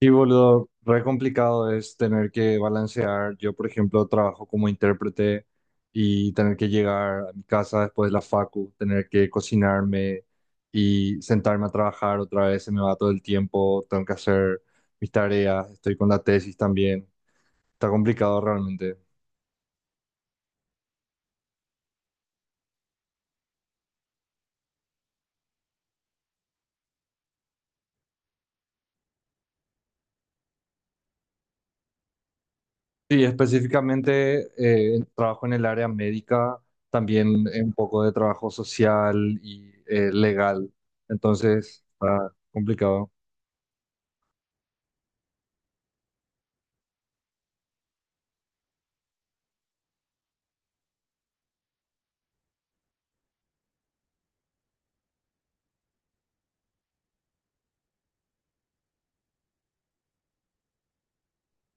Sí, boludo, re complicado es tener que balancear. Yo, por ejemplo, trabajo como intérprete y tener que llegar a mi casa después de la facu, tener que cocinarme y sentarme a trabajar otra vez, se me va todo el tiempo, tengo que hacer mis tareas, estoy con la tesis también. Está complicado realmente. Sí, específicamente trabajo en el área médica, también un poco de trabajo social y legal. Entonces, está complicado.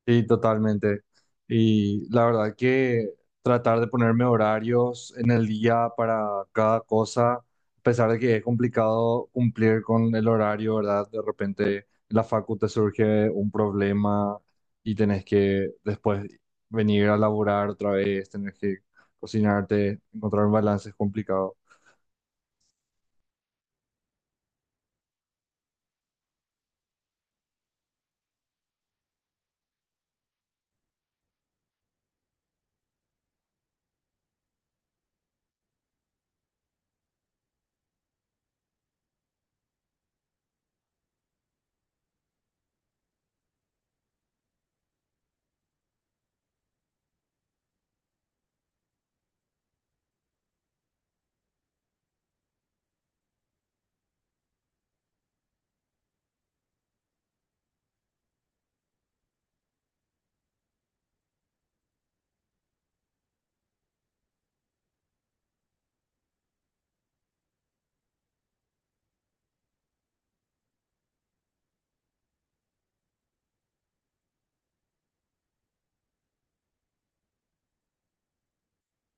Sí, totalmente. Y la verdad que tratar de ponerme horarios en el día para cada cosa, a pesar de que es complicado cumplir con el horario, ¿verdad? De repente en la facultad surge un problema y tenés que después venir a laburar otra vez, tenés que cocinarte, encontrar un balance es complicado.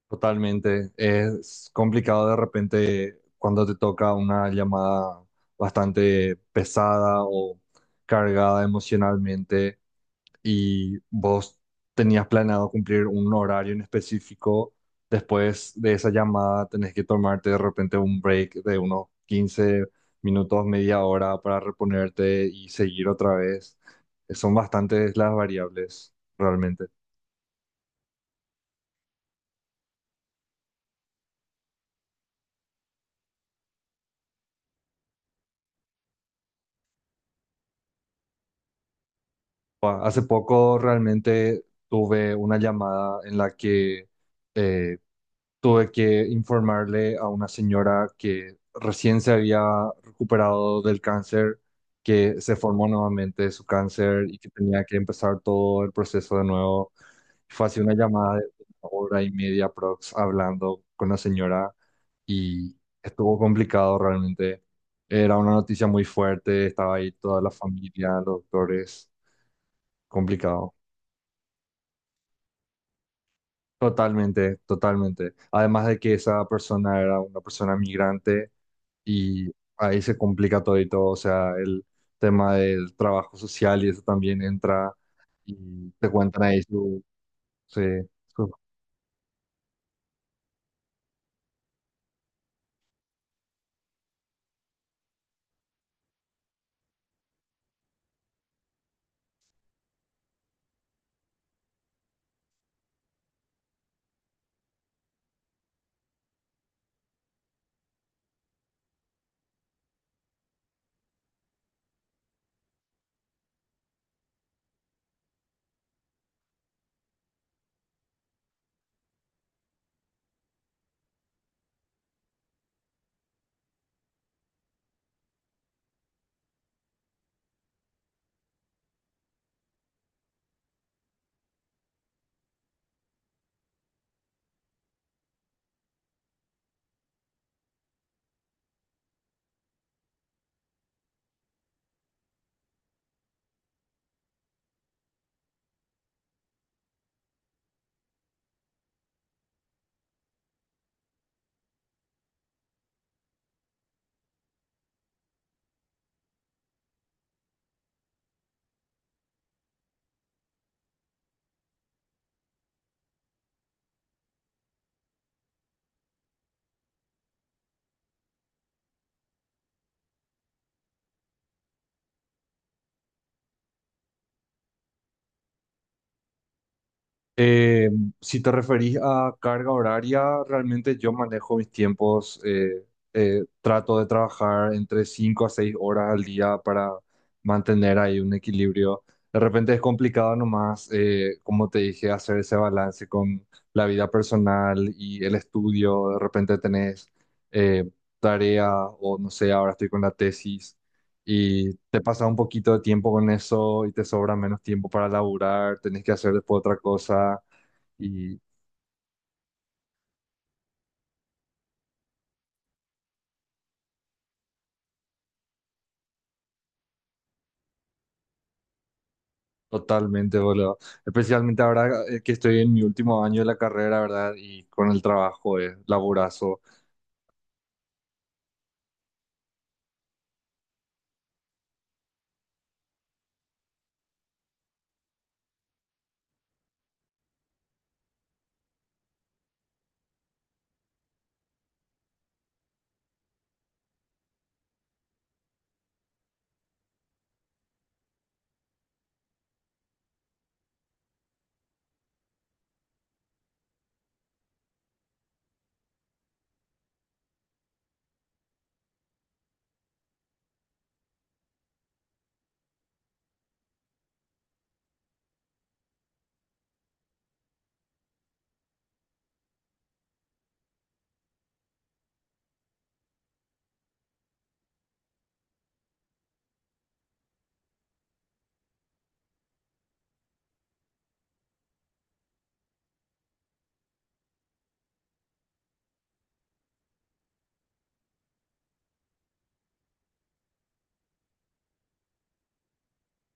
Totalmente. Es complicado de repente cuando te toca una llamada bastante pesada o cargada emocionalmente y vos tenías planeado cumplir un horario en específico. Después de esa llamada tenés que tomarte de repente un break de unos 15 minutos, media hora para reponerte y seguir otra vez. Son bastantes las variables realmente. Hace poco realmente tuve una llamada en la que eh, tuve que informarle a una señora que recién se había recuperado del cáncer, que se formó nuevamente de su cáncer y que tenía que empezar todo el proceso de nuevo. Fue así una llamada de 1 hora y media prox hablando con la señora y estuvo complicado realmente. Era una noticia muy fuerte, estaba ahí toda la familia, los doctores, complicado. Totalmente, totalmente. Además de que esa persona era una persona migrante y ahí se complica todo y todo. O sea, el tema del trabajo social y eso también entra y te cuentan ahí su- sí, sus. Eh, si te referís a carga horaria, realmente yo manejo mis tiempos, trato de trabajar entre 5 a 6 horas al día para mantener ahí un equilibrio. De repente es complicado nomás, como te dije, hacer ese balance con la vida personal y el estudio. De repente tenés eh, tarea o no sé, ahora estoy con la tesis y te pasa un poquito de tiempo con eso y te sobra menos tiempo para laburar, tenés que hacer después otra cosa y totalmente, boludo. Especialmente ahora que estoy en mi último año de la carrera, ¿verdad? Y con el trabajo es laburazo.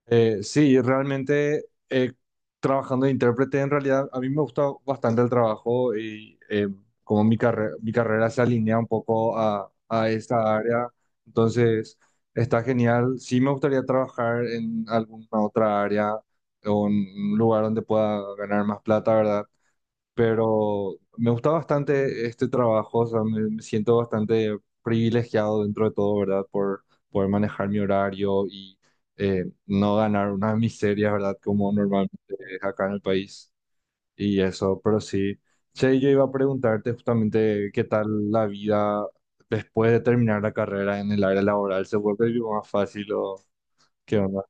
Sí, realmente trabajando de intérprete, en realidad a mí me gusta bastante el trabajo y como mi mi carrera se alinea un poco a esta área, entonces está genial. Sí me gustaría trabajar en alguna otra área o en un lugar donde pueda ganar más plata, ¿verdad? Pero me gusta bastante este trabajo, o sea, me siento bastante privilegiado dentro de todo, ¿verdad? Por poder manejar mi horario y no ganar una miseria, ¿verdad? Como normalmente es acá en el país y eso, pero sí. Che, yo iba a preguntarte justamente qué tal la vida después de terminar la carrera en el área laboral, ¿se vuelve más fácil o qué onda?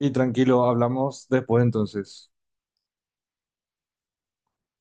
Y tranquilo, hablamos después entonces.